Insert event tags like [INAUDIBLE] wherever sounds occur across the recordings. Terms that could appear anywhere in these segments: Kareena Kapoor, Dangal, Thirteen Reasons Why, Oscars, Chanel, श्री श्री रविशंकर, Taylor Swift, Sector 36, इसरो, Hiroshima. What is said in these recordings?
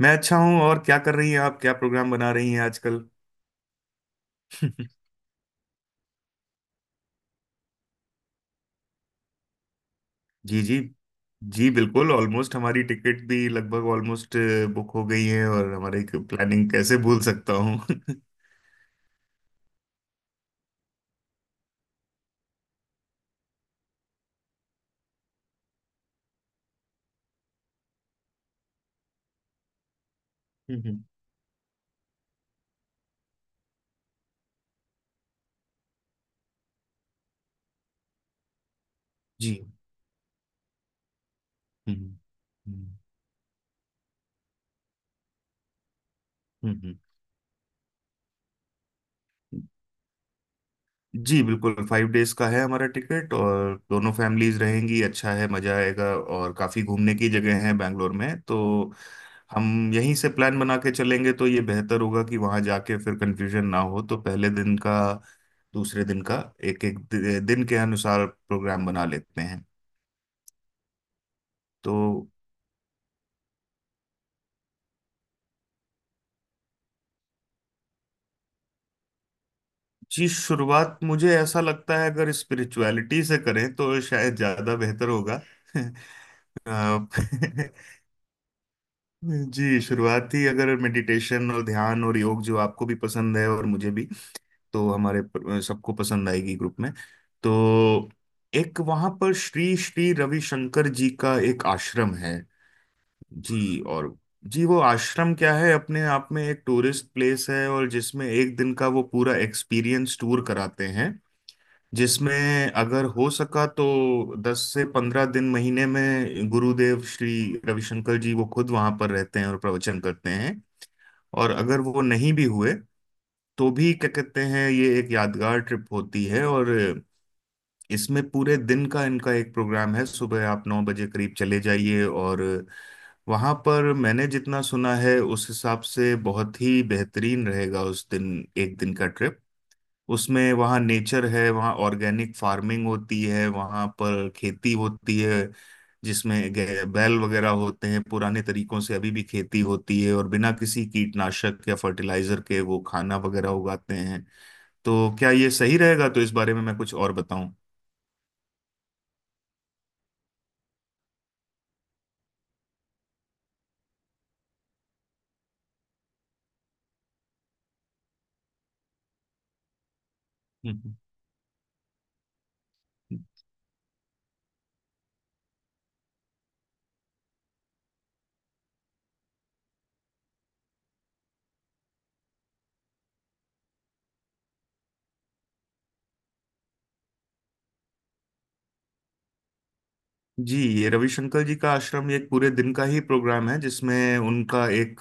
मैं अच्छा हूँ। और क्या कर रही हैं आप? क्या प्रोग्राम बना रही हैं आजकल? [LAUGHS] जी जी। जी बिल्कुल, ऑलमोस्ट हमारी टिकट भी लगभग ऑलमोस्ट बुक हो गई है और हमारी प्लानिंग कैसे भूल सकता हूँ? [LAUGHS] जी। हम्म। जी। हम्म। हम्म, हम्म। जी बिल्कुल, 5 डेज का है हमारा टिकट और दोनों फैमिलीज रहेंगी। अच्छा है, मजा आएगा और काफी घूमने की जगह है बैंगलोर में। तो हम यहीं से प्लान बना के चलेंगे तो ये बेहतर होगा कि वहां जाके फिर कंफ्यूजन ना हो। तो पहले दिन का, दूसरे दिन का, एक एक दिन के अनुसार प्रोग्राम बना लेते हैं। तो जी, शुरुआत मुझे ऐसा लगता है अगर स्पिरिचुअलिटी से करें तो शायद ज्यादा बेहतर होगा। [LAUGHS] आप [LAUGHS] जी शुरुआती, अगर मेडिटेशन और ध्यान और योग जो आपको भी पसंद है और मुझे भी, तो हमारे सबको पसंद आएगी ग्रुप में। तो एक वहां पर श्री श्री रविशंकर जी का एक आश्रम है। जी। और जी, वो आश्रम क्या है, अपने आप में एक टूरिस्ट प्लेस है और जिसमें एक दिन का वो पूरा एक्सपीरियंस टूर कराते हैं। जिसमें अगर हो सका तो 10 से 15 दिन महीने में गुरुदेव श्री रविशंकर जी वो खुद वहां पर रहते हैं और प्रवचन करते हैं। और अगर वो नहीं भी हुए तो भी क्या कहते हैं, ये एक यादगार ट्रिप होती है। और इसमें पूरे दिन का इनका एक प्रोग्राम है, सुबह आप 9 बजे करीब चले जाइए। और वहाँ पर मैंने जितना सुना है उस हिसाब से बहुत ही बेहतरीन रहेगा उस दिन, एक दिन का ट्रिप। उसमें वहाँ नेचर है, वहाँ ऑर्गेनिक फार्मिंग होती है, वहाँ पर खेती होती है जिसमें बैल वगैरह होते हैं, पुराने तरीकों से अभी भी खेती होती है और बिना किसी कीटनाशक या फर्टिलाइजर के वो खाना वगैरह उगाते हैं। तो क्या ये सही रहेगा? तो इस बारे में मैं कुछ और बताऊं? हम्म। जी, ये रविशंकर जी का आश्रम ये एक पूरे दिन का ही प्रोग्राम है जिसमें उनका एक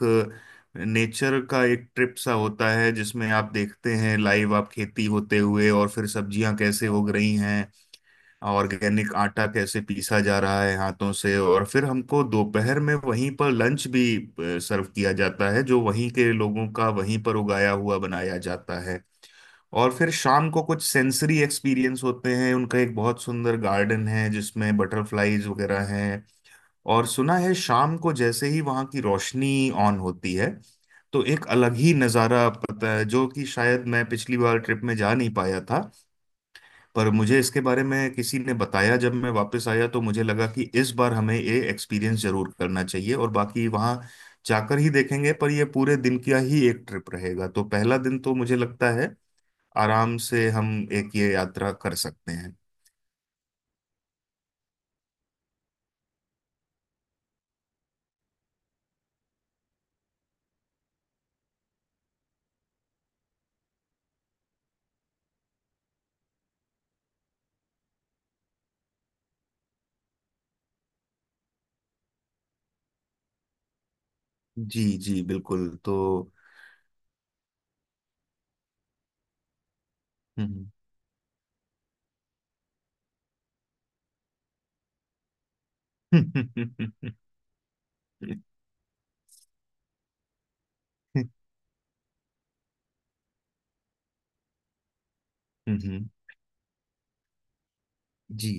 नेचर का एक ट्रिप सा होता है जिसमें आप देखते हैं लाइव, आप खेती होते हुए और फिर सब्जियां कैसे उग रही हैं, ऑर्गेनिक आटा कैसे पीसा जा रहा है हाथों से। और फिर हमको दोपहर में वहीं पर लंच भी सर्व किया जाता है जो वहीं के लोगों का वहीं पर उगाया हुआ बनाया जाता है। और फिर शाम को कुछ सेंसरी एक्सपीरियंस होते हैं, उनका एक बहुत सुंदर गार्डन है जिसमें बटरफ्लाईज वगैरह हैं। और सुना है शाम को जैसे ही वहां की रोशनी ऑन होती है तो एक अलग ही नज़ारा, पता है, जो कि शायद मैं पिछली बार ट्रिप में जा नहीं पाया था पर मुझे इसके बारे में किसी ने बताया जब मैं वापस आया तो मुझे लगा कि इस बार हमें ये एक्सपीरियंस जरूर करना चाहिए। और बाकी वहाँ जाकर ही देखेंगे, पर ये पूरे दिन का ही एक ट्रिप रहेगा। तो पहला दिन तो मुझे लगता है आराम से हम एक ये यात्रा कर सकते हैं। जी जी बिल्कुल। तो हम्म। [LAUGHS] जी।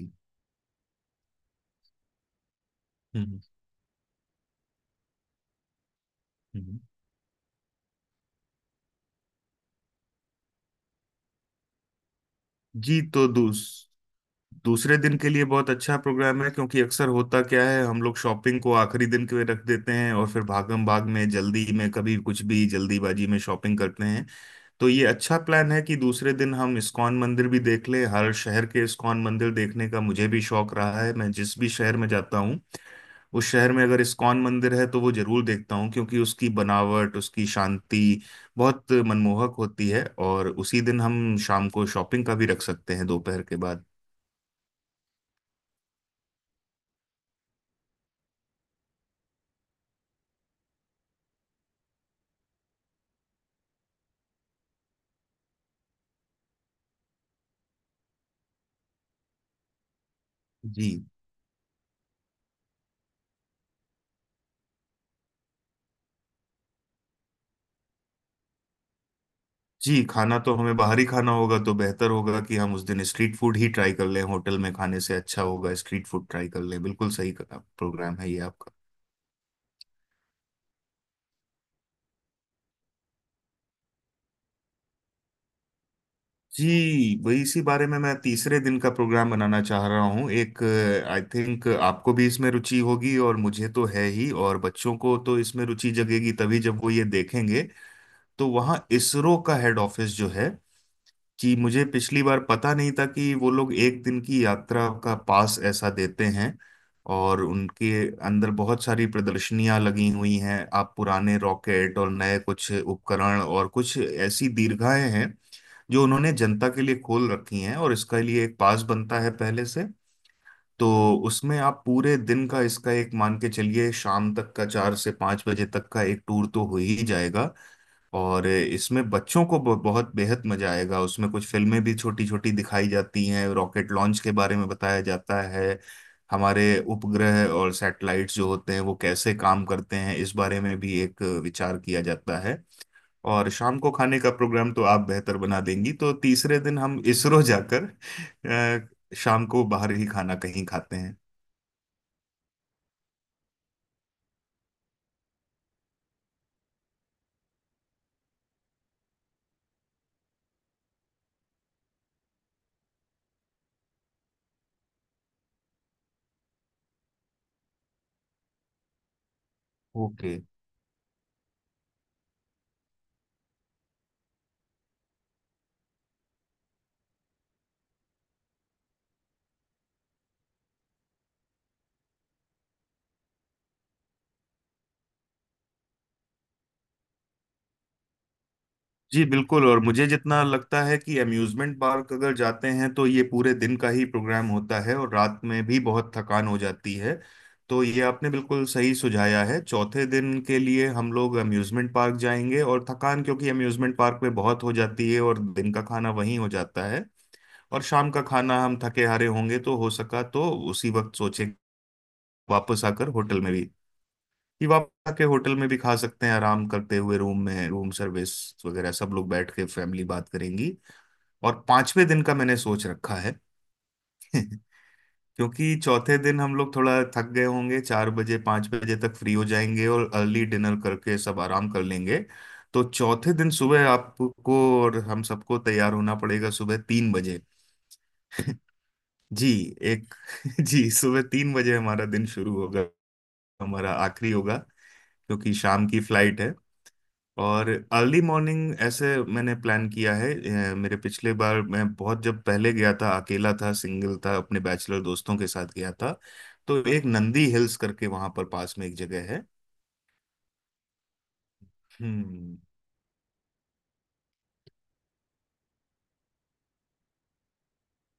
हम्म। हम्म। जी तो दूसरे दिन के लिए बहुत अच्छा प्रोग्राम है, क्योंकि अक्सर होता क्या है हम लोग शॉपिंग को आखिरी दिन के लिए रख देते हैं और फिर भागम भाग में, जल्दी में, कभी कुछ भी जल्दीबाजी में शॉपिंग करते हैं। तो ये अच्छा प्लान है कि दूसरे दिन हम इस्कॉन मंदिर भी देख लें। हर शहर के इस्कॉन मंदिर देखने का मुझे भी शौक रहा है, मैं जिस भी शहर में जाता हूँ उस शहर में अगर इस्कॉन मंदिर है तो वो जरूर देखता हूँ क्योंकि उसकी बनावट, उसकी शांति बहुत मनमोहक होती है। और उसी दिन हम शाम को शॉपिंग का भी रख सकते हैं, दोपहर के बाद। जी जी। खाना तो हमें बाहर ही खाना होगा तो बेहतर होगा कि हम उस दिन स्ट्रीट फूड ही ट्राई कर लें। होटल में खाने से अच्छा होगा स्ट्रीट फूड ट्राई कर लें। बिल्कुल सही प्रोग्राम है ये आपका। जी वही, इसी बारे में मैं तीसरे दिन का प्रोग्राम बनाना चाह रहा हूँ। एक आई थिंक आपको भी इसमें रुचि होगी और मुझे तो है ही, और बच्चों को तो इसमें रुचि जगेगी तभी जब वो ये देखेंगे। तो वहाँ इसरो का हेड ऑफिस जो है, कि मुझे पिछली बार पता नहीं था कि वो लोग एक दिन की यात्रा का पास ऐसा देते हैं। और उनके अंदर बहुत सारी प्रदर्शनियां लगी हुई हैं, आप पुराने रॉकेट और नए कुछ उपकरण और कुछ ऐसी दीर्घाएं हैं जो उन्होंने जनता के लिए खोल रखी हैं, और इसके लिए एक पास बनता है पहले से। तो उसमें आप पूरे दिन का इसका, एक मान के चलिए शाम तक का, 4 से 5 बजे तक का एक टूर तो हो ही जाएगा। और इसमें बच्चों को बहुत बेहद मजा आएगा, उसमें कुछ फिल्में भी छोटी छोटी दिखाई जाती हैं, रॉकेट लॉन्च के बारे में बताया जाता है। हमारे उपग्रह और सैटेलाइट्स जो होते हैं वो कैसे काम करते हैं इस बारे में भी एक विचार किया जाता है। और शाम को खाने का प्रोग्राम तो आप बेहतर बना देंगी, तो तीसरे दिन हम इसरो जाकर शाम को बाहर ही खाना कहीं खाते हैं। ओके। जी बिल्कुल, और मुझे जितना लगता है कि अम्यूजमेंट पार्क अगर जाते हैं तो ये पूरे दिन का ही प्रोग्राम होता है और रात में भी बहुत थकान हो जाती है। तो ये आपने बिल्कुल सही सुझाया है, चौथे दिन के लिए हम लोग अम्यूजमेंट पार्क जाएंगे। और थकान क्योंकि अम्यूजमेंट पार्क में बहुत हो जाती है और दिन का खाना वहीं हो जाता है, और शाम का खाना हम थके हारे होंगे तो हो सका तो उसी वक्त सोचेंगे। वापस आकर होटल में भी, कि वापस आके होटल में भी खा सकते हैं आराम करते हुए रूम में, रूम सर्विस वगैरह, सब लोग बैठ के फैमिली बात करेंगी। और पांचवें दिन का मैंने सोच रखा है। [LAUGHS] क्योंकि चौथे दिन हम लोग थोड़ा थक गए होंगे, 4 बजे 5 बजे तक फ्री हो जाएंगे और अर्ली डिनर करके सब आराम कर लेंगे। तो चौथे दिन सुबह आपको और हम सबको तैयार होना पड़ेगा सुबह 3 बजे। [LAUGHS] जी एक। [LAUGHS] जी, सुबह 3 बजे हमारा दिन शुरू होगा, हमारा आखिरी होगा। क्योंकि शाम की फ्लाइट है और अर्ली मॉर्निंग ऐसे मैंने प्लान किया है। मेरे पिछले बार मैं बहुत, जब पहले गया था, अकेला था, सिंगल था, अपने बैचलर दोस्तों के साथ गया था, तो एक नंदी हिल्स करके वहां पर पास में एक जगह है। हम्म।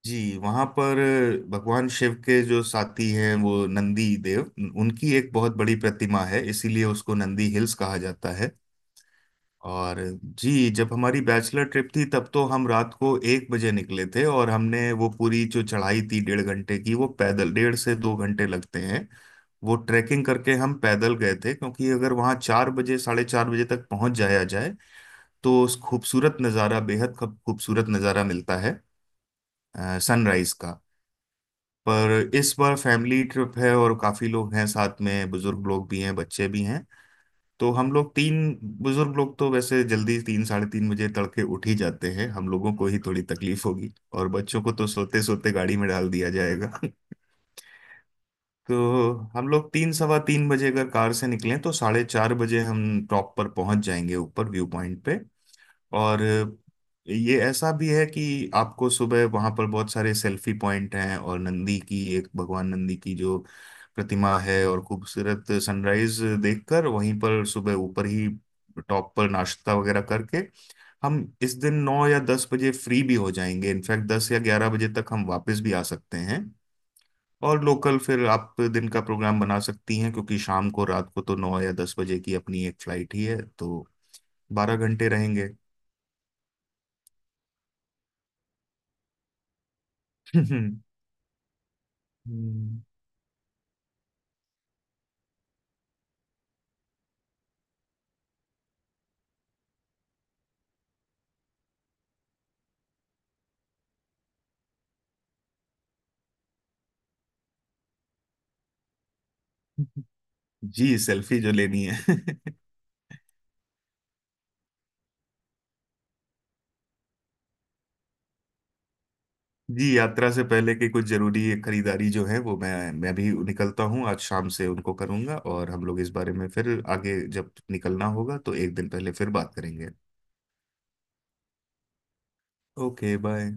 जी वहां पर भगवान शिव के जो साथी हैं वो नंदी देव, उनकी एक बहुत बड़ी प्रतिमा है इसीलिए उसको नंदी हिल्स कहा जाता है। और जी, जब हमारी बैचलर ट्रिप थी तब तो हम रात को 1 बजे निकले थे और हमने वो पूरी जो चढ़ाई थी, डेढ़ घंटे की, वो पैदल डेढ़ से दो घंटे लगते हैं। वो ट्रैकिंग करके हम पैदल गए थे क्योंकि अगर वहाँ 4 बजे 4:30 बजे तक पहुँच जाया जाए तो उस खूबसूरत नज़ारा, बेहद खूबसूरत नज़ारा मिलता है सनराइज का। पर इस बार फैमिली ट्रिप है और काफ़ी लोग हैं साथ में, बुजुर्ग लोग भी हैं, बच्चे भी हैं। तो हम लोग तीन, बुजुर्ग लोग तो वैसे जल्दी तीन साढ़े तीन बजे तड़के उठ ही जाते हैं, हम लोगों को ही थोड़ी तकलीफ होगी और बच्चों को तो सोते सोते गाड़ी में डाल दिया जाएगा। [LAUGHS] तो हम लोग तीन सवा तीन बजे अगर कार से निकलें तो साढ़े चार बजे हम टॉप पर पहुंच जाएंगे ऊपर व्यू पॉइंट पे। और ये ऐसा भी है कि आपको सुबह वहां पर बहुत सारे सेल्फी पॉइंट हैं और नंदी की एक, भगवान नंदी की जो प्रतिमा है, और खूबसूरत सनराइज देखकर वहीं पर सुबह ऊपर ही टॉप पर नाश्ता वगैरह करके हम इस दिन 9 या 10 बजे फ्री भी हो जाएंगे, इनफैक्ट 10 या 11 बजे तक हम वापस भी आ सकते हैं। और लोकल फिर आप दिन का प्रोग्राम बना सकती हैं क्योंकि शाम को रात को तो 9 या 10 बजे की अपनी एक फ्लाइट ही है, तो 12 घंटे रहेंगे। [LAUGHS] हम्म। जी सेल्फी जो लेनी है। [LAUGHS] जी यात्रा से पहले की कुछ जरूरी खरीदारी जो है वो मैं भी निकलता हूँ, आज शाम से उनको करूंगा और हम लोग इस बारे में फिर आगे जब निकलना होगा तो एक दिन पहले फिर बात करेंगे। Okay bye.